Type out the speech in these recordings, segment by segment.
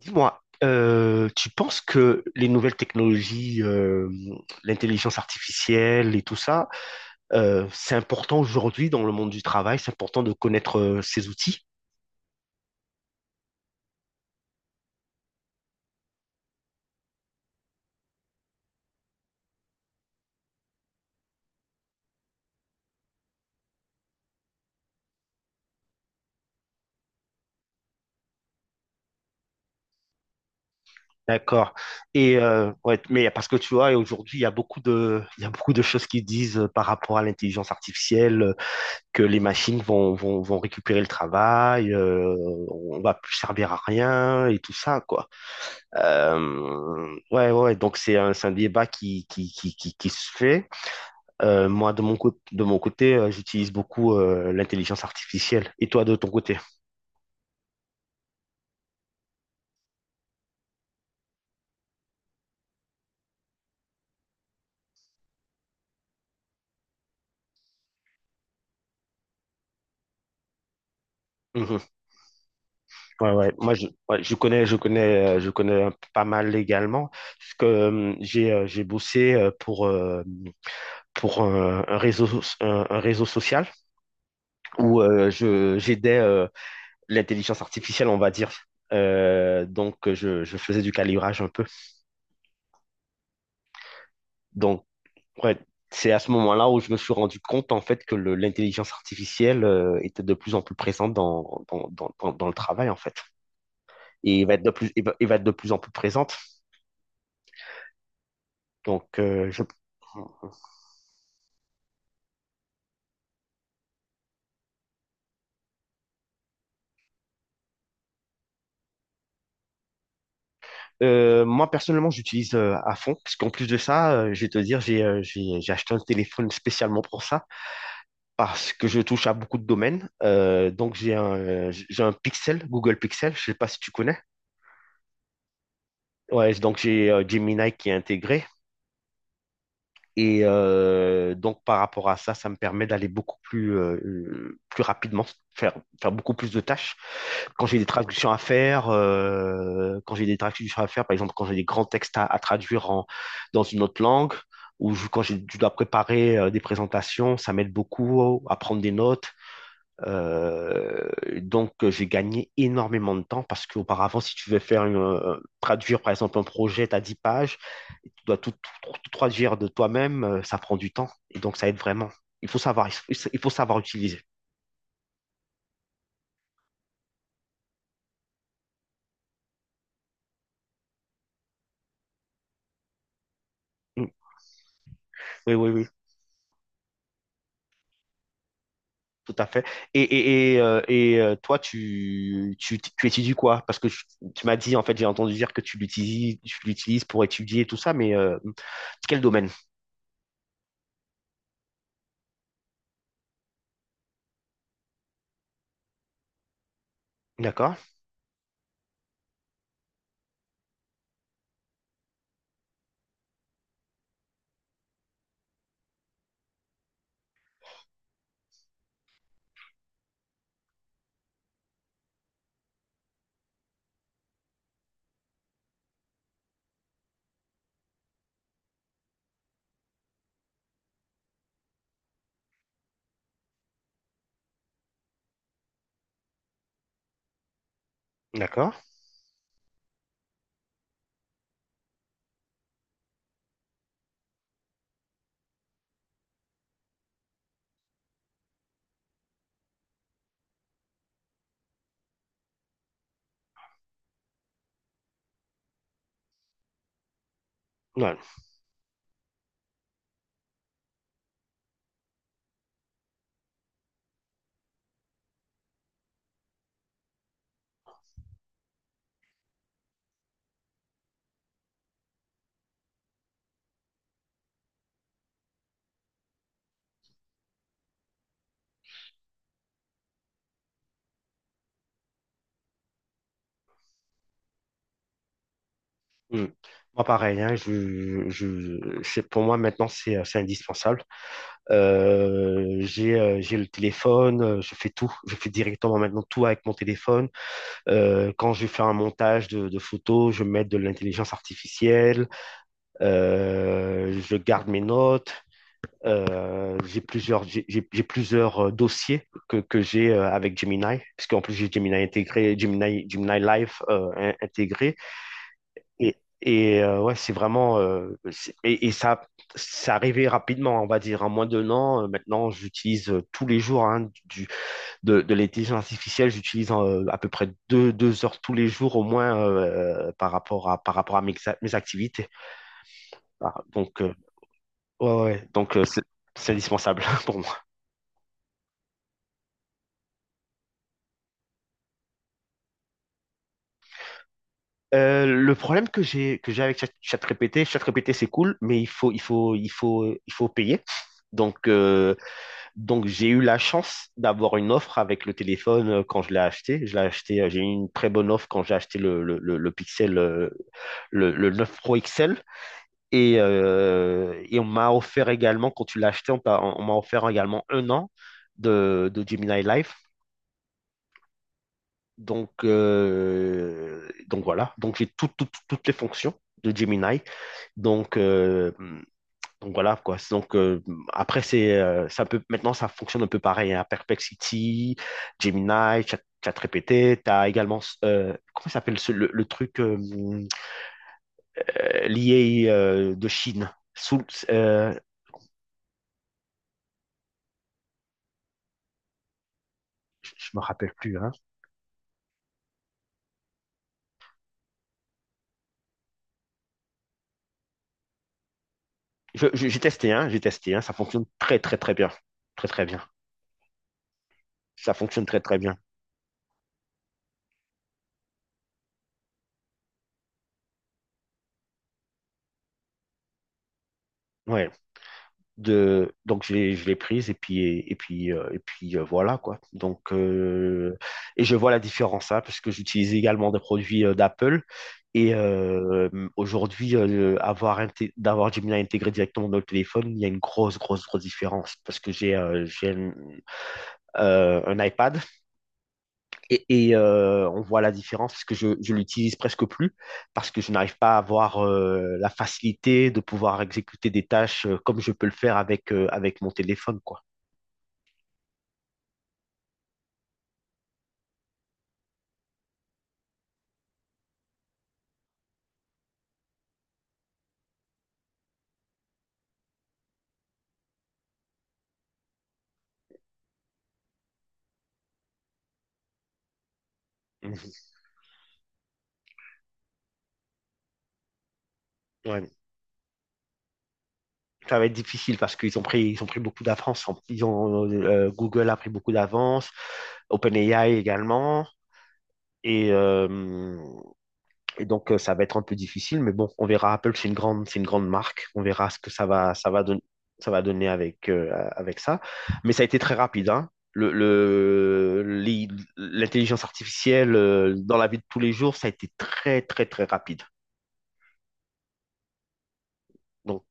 Dis-moi, tu penses que les nouvelles technologies, l'intelligence artificielle et tout ça, c'est important aujourd'hui dans le monde du travail, c'est important de connaître ces outils? D'accord. Et ouais, mais parce que tu vois, aujourd'hui, il y a beaucoup de choses qui disent par rapport à l'intelligence artificielle. Que les machines vont récupérer le travail, on va plus servir à rien et tout ça, quoi. Ouais, ouais, donc c'est un débat qui se fait. Moi, de mon côté, j'utilise beaucoup l'intelligence artificielle. Et toi, de ton côté? Mhm. Ouais, ouais. Moi, ouais, pas mal légalement, parce que j'ai bossé pour un réseau, un réseau social où j'aidais l'intelligence artificielle, on va dire. Donc, je faisais du calibrage un peu. Donc, ouais, c'est à ce moment-là où je me suis rendu compte, en fait, que l'intelligence artificielle était de plus en plus présente dans le travail, en fait. Et il va être de plus, il va être de plus en plus présente. Donc, je... Moi, personnellement, j'utilise à fond, parce qu'en plus de ça, je vais te dire, j'ai acheté un téléphone spécialement pour ça, parce que je touche à beaucoup de domaines. Donc, j'ai un Pixel, Google Pixel, je sais pas si tu connais. Ouais, donc j'ai Gemini qui est intégré. Et donc, par rapport à ça, ça me permet d'aller plus rapidement, faire, faire beaucoup plus de tâches. Quand j'ai des traductions à faire, par exemple, quand j'ai des grands textes à traduire dans une autre langue, ou je dois préparer des présentations, ça m'aide beaucoup à prendre des notes, euh, donc, j'ai gagné énormément de temps parce qu'auparavant, si tu veux traduire par exemple un projet, t'as 10 pages, et tu dois tout traduire de toi-même, ça prend du temps et donc ça aide vraiment. Il faut savoir utiliser. Mm. Oui, oui, oui, tout à fait. Et toi, tu étudies quoi? Parce que tu m'as dit, en fait, j'ai entendu dire que tu l'utilises pour étudier et tout ça, mais quel domaine? D'accord, d'accord. Ouais. Mm. Moi, pareil, hein, pour moi, maintenant, c'est indispensable. J'ai le téléphone, je fais tout. Je fais directement maintenant tout avec mon téléphone. Quand je fais un montage de photos, je mets de l'intelligence artificielle. Je garde mes notes. J'ai plusieurs dossiers que j'ai avec Gemini, puisqu'en plus j'ai Gemini intégré, Gemini, Gemini Live intégré. Et, ouais, c'est vraiment. Ça arrivé rapidement, on va dire. En moins d'un an, maintenant, j'utilise tous les jours hein, de l'intelligence artificielle. J'utilise à peu près 2 heures tous les jours au moins par rapport à mes activités. Voilà. Donc, ouais, ouais. Donc c'est indispensable pour moi. Le problème que j'ai avec ChatGPT c'est cool, mais il faut payer. Donc euh, Donc, j'ai eu la chance d'avoir une offre avec le téléphone quand je l'ai acheté. Je l'ai acheté, j'ai eu une très bonne offre quand j'ai acheté le Pixel, le 9 Pro XL. Et, on m'a offert également, quand tu l'as acheté, on m'a offert également un an de Gemini Life. Donc voilà. Donc, j'ai toutes les fonctions de Gemini. Donc, euh, Donc voilà quoi. Donc après c'est ça peut maintenant ça fonctionne un peu pareil à Perplexity, Gemini, ChatGPT, tu as également comment s'appelle le truc lié de Chine. Euh, je me rappelle plus hein. J'ai testé hein, ça fonctionne très très très bien. Très très bien. Ça fonctionne très très bien. Ouais. de Donc, je l'ai prise et puis et puis voilà quoi. Et je vois la différence hein, parce que j'utilise également des produits d'Apple et euh, aujourd'hui d'avoir Gemini intégré directement dans le téléphone il y a une grosse grosse grosse différence parce que j'ai un iPad on voit la différence parce que je l'utilise presque plus, parce que je n'arrive pas à avoir la facilité de pouvoir exécuter des tâches comme je peux le faire avec mon téléphone, quoi. Mhm. Ouais, ça va être difficile parce ils ont pris beaucoup d'avance. Google a pris beaucoup d'avance, OpenAI également. Et euh, et donc, ça va être un peu difficile, mais bon, on verra. Apple, c'est une grande marque. On verra ce que ça va donner avec ça. Mais ça a été très rapide, hein. L'intelligence artificielle, dans la vie de tous les jours, ça a été très, très, très rapide. Donc,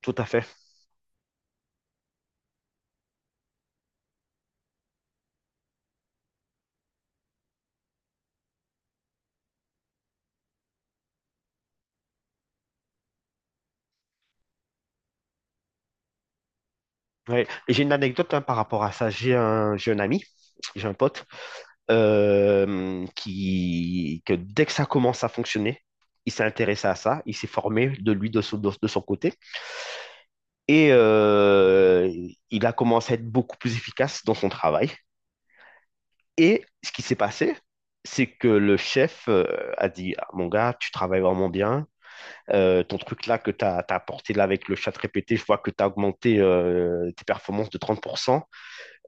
tout à fait. Ouais. Et j'ai une anecdote hein, par rapport à ça. J'ai un ami, j'ai un pote, que dès que ça commence à fonctionner, il s'est intéressé à ça, il s'est formé de lui, de son côté, et il a commencé à être beaucoup plus efficace dans son travail. Et ce qui s'est passé, c'est que le chef a dit : « Ah, mon gars, tu travailles vraiment bien. Ton truc là que tu as apporté là avec le chat répété, je vois que tu as augmenté tes performances de 30%. »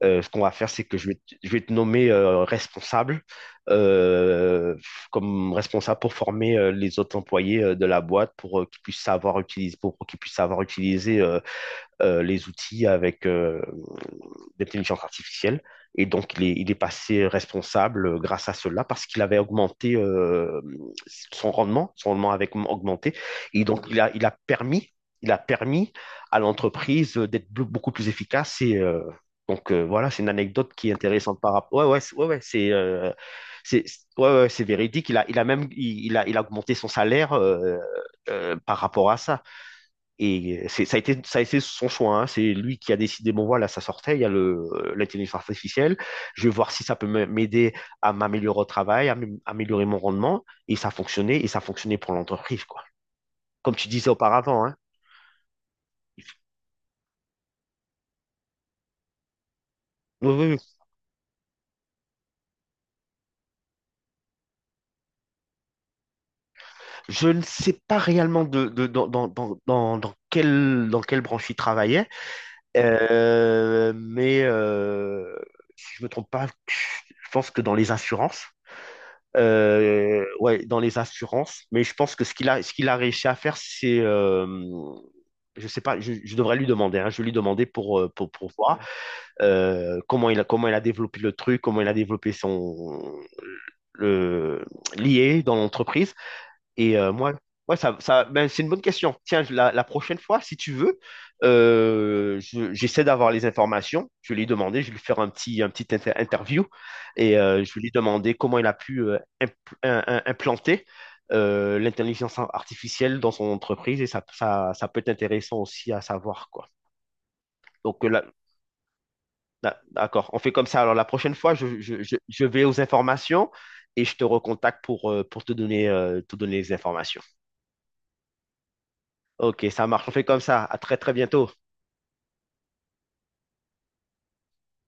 Ce qu'on va faire, c'est que je vais te nommer responsable, euh, comme responsable pour former les autres employés de la boîte pour qu'ils puissent savoir utiliser les outils avec l'intelligence artificielle. Et donc, il est passé responsable grâce à cela parce qu'il avait augmenté son rendement avait augmenté. Et donc, il a permis à l'entreprise d'être beaucoup plus efficace. Et donc, voilà, c'est une anecdote qui est intéressante par rapport. Ouais, ouais, ouais, ouais, c'est ouais, ouais, c'est véridique. Il a même il a, Il a augmenté son salaire par rapport à ça. Et c'est, ça a été son choix, hein. C'est lui qui a décidé, bon voilà, ça sortait, il y a l'intelligence artificielle. Je vais voir si ça peut m'aider à m'améliorer au travail, améliorer mon rendement. Et ça fonctionnait pour l'entreprise, quoi. Comme tu disais auparavant, hein. Oui, oui, oui. Je ne sais pas réellement dans dans quelle branche il travaillait, mais si je me trompe pas, je pense que dans les assurances, ouais, dans les assurances. Mais je pense que ce qu'il a réussi à faire, c'est, je sais pas, je devrais lui demander. Hein, je vais lui demander pour voir comment il a développé le truc, comment il a développé son le lié dans l'entreprise. Et moi, ouais, ça, ben, c'est une bonne question. Tiens, la prochaine fois, si tu veux, j'essaie d'avoir les informations. Je vais lui demander, je vais lui faire un petit interview et je vais lui demander comment il a pu implanter l'intelligence artificielle dans son entreprise et ça peut être intéressant aussi à savoir, quoi. Donc, là, d'accord, on fait comme ça. Alors, la prochaine fois, je vais aux informations et je te recontacte pour te donner les informations. Ok, ça marche. On fait comme ça. À très très bientôt.